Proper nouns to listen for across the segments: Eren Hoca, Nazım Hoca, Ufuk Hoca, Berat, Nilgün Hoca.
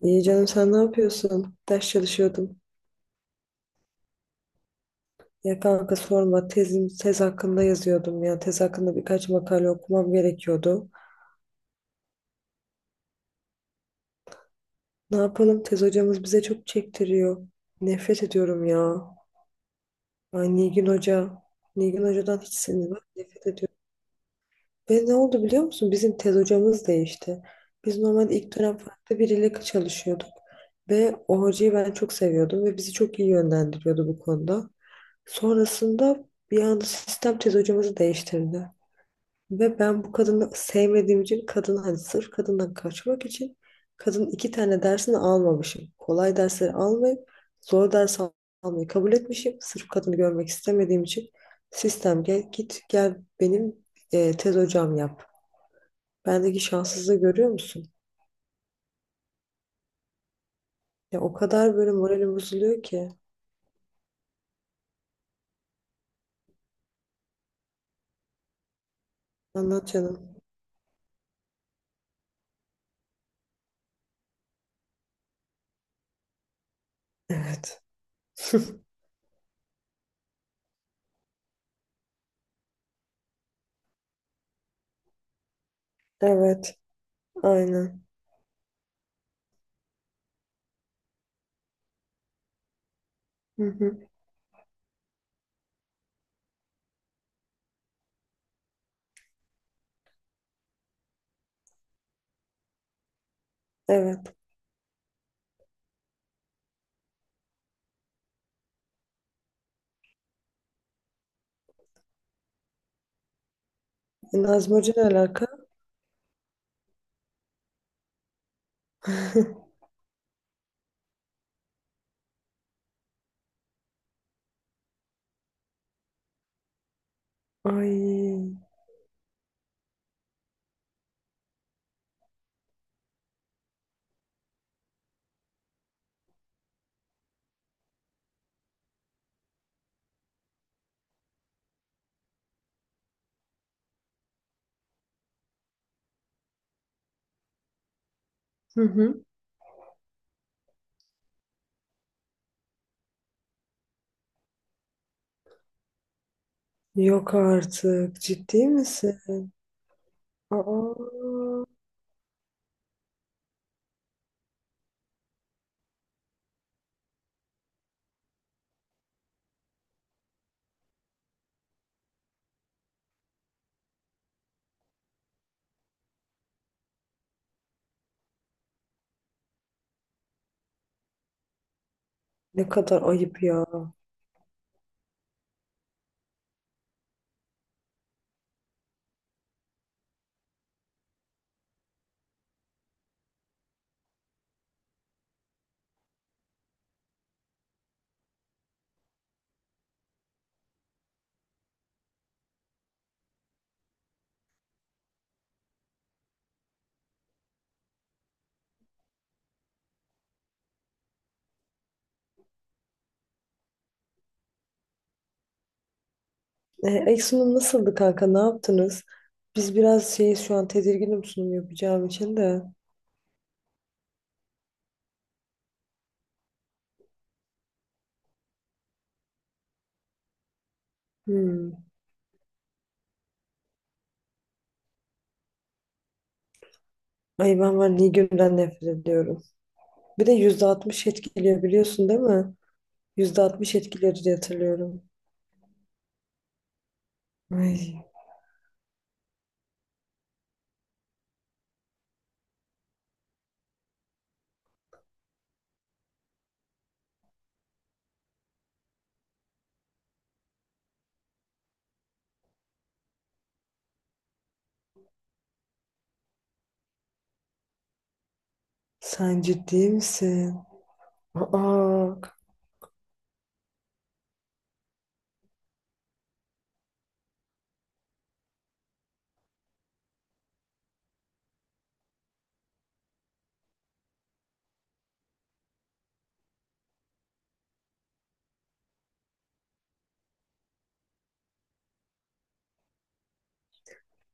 İyi canım sen ne yapıyorsun? Ders çalışıyordum. Ya kanka sorma, tez hakkında yazıyordum ya. Tez hakkında birkaç makale okumam gerekiyordu. Ne yapalım, tez hocamız bize çok çektiriyor. Nefret ediyorum ya. Ay, Nilgün Hoca. Nilgün Hoca'dan hiç sinir var. Nefret ediyorum. Ve ne oldu biliyor musun? Bizim tez hocamız değişti. Biz normalde ilk dönem farklı biriyle çalışıyorduk. Ve o hocayı ben çok seviyordum ve bizi çok iyi yönlendiriyordu bu konuda. Sonrasında bir anda sistem tez hocamızı değiştirdi. Ve ben bu kadını sevmediğim için, kadını hani sırf kadından kaçmak için kadının 2 tane dersini almamışım. Kolay dersleri almayıp zor ders almayı kabul etmişim. Sırf kadını görmek istemediğim için sistem gel git gel, benim tez hocam yap. Bendeki şanssızlığı görüyor musun? Ya, o kadar böyle moralim bozuluyor ki. Anlat canım. Evet. Evet. Aynen. Hı hı. Evet. Nazım Hoca ne alaka? Ay. Hı hı. Yok artık. Ciddi misin? Aa, ne kadar ayıp ya. E, ilk sunum nasıldı kanka? Ne yaptınız? Biz biraz şeyiz, şu an tedirginim sunum yapacağım için de. Hmm. Ay, ben var Nilgün'den nefret ediyorum. Bir de yüzde altmış etkiliyor, biliyorsun değil mi? %60 etkileri diye hatırlıyorum. Ay, sen ciddi misin? Aa,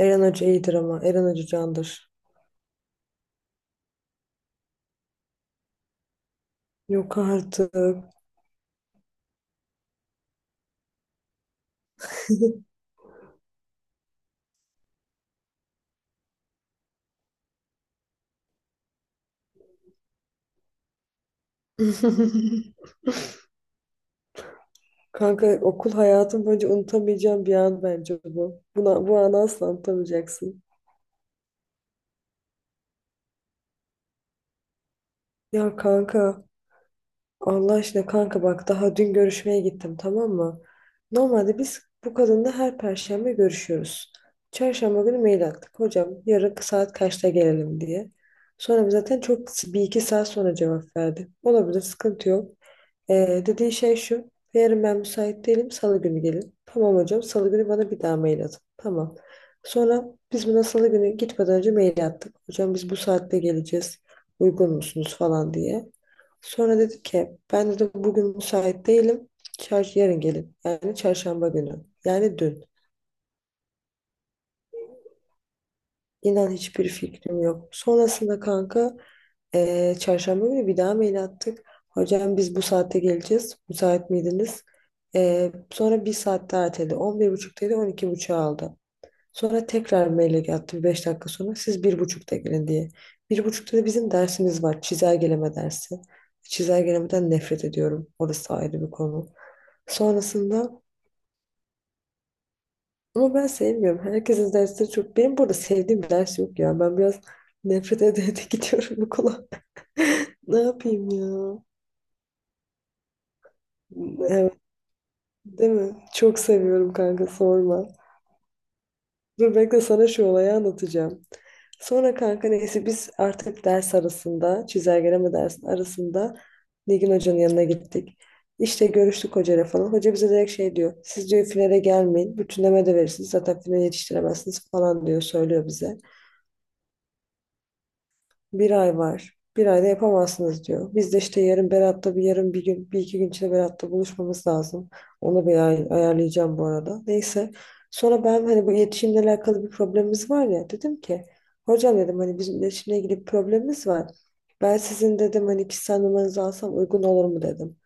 Eren Hoca iyidir, ama Eren Hoca candır. Yok artık. Kanka, okul hayatım boyunca unutamayacağım bir an bence bu. Bu anı asla unutamayacaksın. Ya kanka, Allah aşkına kanka, bak daha dün görüşmeye gittim, tamam mı? Normalde biz bu kadınla her perşembe görüşüyoruz. Çarşamba günü mail attık. Hocam, yarın saat kaçta gelelim diye. Sonra zaten çok, bir iki saat sonra cevap verdi. Olabilir, sıkıntı yok. Dediği şey şu. Yarın ben müsait değilim, salı günü gelin. Tamam hocam. Salı günü bana bir daha mail atın. Tamam. Sonra biz buna salı günü gitmeden önce mail attık. Hocam, biz bu saatte geleceğiz. Uygun musunuz falan diye. Sonra dedi ki, ben de bugün müsait değilim. Çar, yarın gelin. Yani çarşamba günü. Yani dün. İnan, hiçbir fikrim yok. Sonrasında kanka, çarşamba günü bir daha mail attık. Hocam, biz bu saatte geleceğiz. Müsait miydiniz? Sonra bir saat daha erteledi. 11.30'daydı, on iki 12.30'a aldı. Sonra tekrar mail attı bir 5 dakika sonra. Siz 1.30'da gelin diye. 1.30'da da bizim dersimiz var. Çizelgeleme dersi. Çizelgelemeden nefret ediyorum. Orası ayrı bir konu. Sonrasında, ama ben sevmiyorum. Herkesin dersleri çok. Benim burada sevdiğim bir ders yok ya. Ben biraz nefret ede ede gidiyorum okula. Ne yapayım ya? Evet, değil mi? Çok seviyorum kanka, sorma. Dur bekle, sana şu olayı anlatacağım. Sonra kanka neyse, biz artık ders arasında, çizelgeleme dersi arasında Nilgün Hoca'nın yanına gittik. İşte görüştük hocayla falan. Hoca bize direkt şey diyor. Siz diyor, finale gelmeyin. Bütünleme de verirsiniz. Zaten finale yetiştiremezsiniz falan diyor. Söylüyor bize. Bir ay var. Bir ayda yapamazsınız diyor. Biz de işte yarın Berat'ta bir, yarın bir gün, bir iki gün içinde Berat'ta buluşmamız lazım. Onu bir ayarlayacağım bu arada. Neyse. Sonra ben, hani bu iletişimle alakalı bir problemimiz var ya, dedim ki, hocam dedim, hani bizim iletişimle ilgili bir problemimiz var. Ben sizin dedim, hani kişisel numaranızı alsam uygun olur mu, dedim.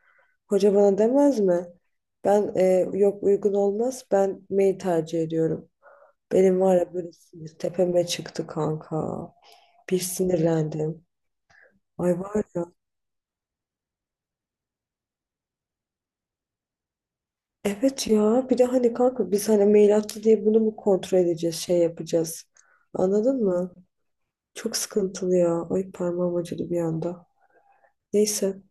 Hoca bana demez mi? Ben yok uygun olmaz, ben mail tercih ediyorum. Benim var ya, böyle sinir tepeme çıktı kanka. Bir sinirlendim. Ay var ya. Evet ya, bir de hani kanka, biz hani mail attı diye bunu mu kontrol edeceğiz, şey yapacağız. Anladın mı? Çok sıkıntılı ya. Ay, parmağım acıdı bir anda. Neyse,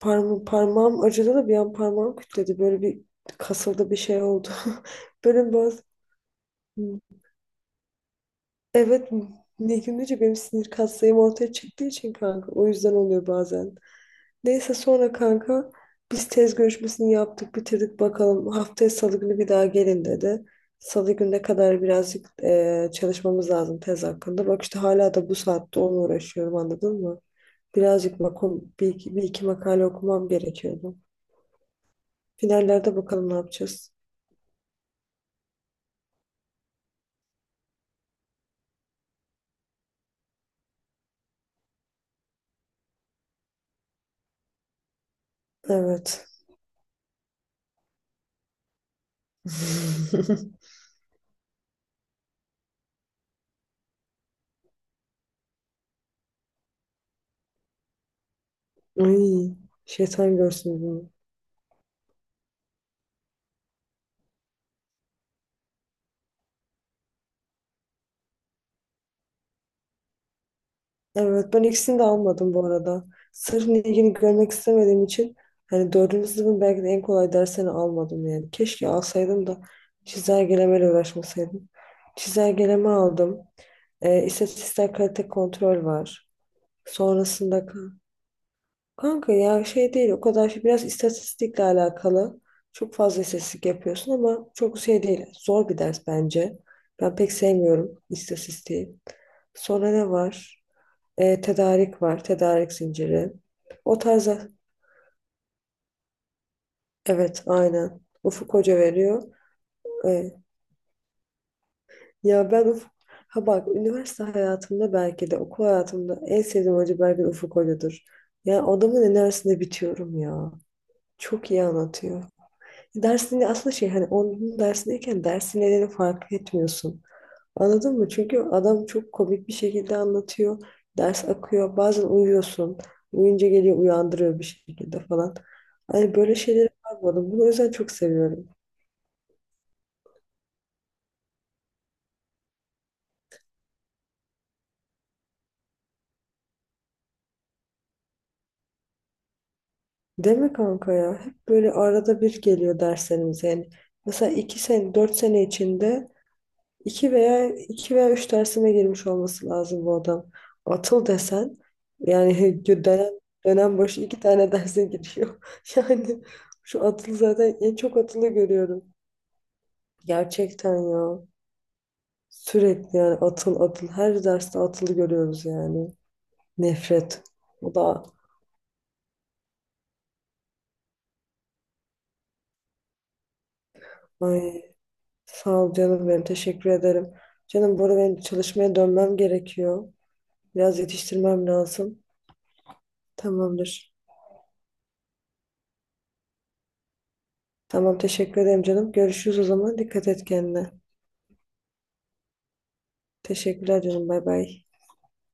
parmağım acıdı da bir an, parmağım kütledi. Böyle bir kasıldı, bir şey oldu. Böyle bazı, evet, ne günlüce benim sinir kaslarım ortaya çıktığı için kanka. O yüzden oluyor bazen. Neyse sonra kanka, biz tez görüşmesini yaptık bitirdik, bakalım. Haftaya salı günü bir daha gelin dedi. Salı gününe kadar birazcık çalışmamız lazım tez hakkında. Bak işte hala da bu saatte onunla uğraşıyorum, anladın mı? Birazcık bir iki makale okumam gerekiyordu. Finallerde bakalım ne yapacağız. Evet. Ay, şeytan görsün bunu. Evet, ben ikisini de almadım bu arada. Sırf ilgini görmek istemediğim için, hani dördüncü sınıfın belki de en kolay dersini almadım yani. Keşke alsaydım da çizelgelemeyle uğraşmasaydım. Çizelgeleme aldım. E, istatistiksel kalite kontrol var. Sonrasında kanka ya, şey değil, o kadar şey, biraz istatistikle alakalı. Çok fazla istatistik yapıyorsun ama çok şey değil. Zor bir ders bence. Ben pek sevmiyorum istatistiği. Sonra ne var? Tedarik var, tedarik zinciri. O tarzda, evet aynen. Ufuk Hoca veriyor. E, ya ben ha bak, üniversite hayatımda, belki de okul hayatımda en sevdiğim hoca belki de Ufuk Hoca'dır. Ya, adamın enerjisinde bitiyorum ya. Çok iyi anlatıyor. Dersini aslında şey, hani onun dersindeyken dersin nedeni fark etmiyorsun. Anladın mı? Çünkü adam çok komik bir şekilde anlatıyor. Ders akıyor. Bazen uyuyorsun. Uyuyunca geliyor, uyandırıyor bir şekilde falan. Hani böyle şeyleri yapmadım. Bunu o yüzden çok seviyorum. Deme kanka ya. Hep böyle arada bir geliyor derslerimize. Yani mesela 2 sene, 4 sene içinde iki veya üç dersime girmiş olması lazım bu adam. Atıl desen yani dönem başı 2 tane derse giriyor. Yani şu Atıl, zaten en çok Atılı görüyorum. Gerçekten ya. Sürekli yani, Atıl Atıl. Her derste Atılı görüyoruz yani. Nefret. O da, ay, sağ ol canım benim. Teşekkür ederim. Canım, bu arada benim çalışmaya dönmem gerekiyor. Biraz yetiştirmem lazım. Tamamdır. Tamam, teşekkür ederim canım. Görüşürüz o zaman. Dikkat et kendine. Teşekkürler canım. Bay bay.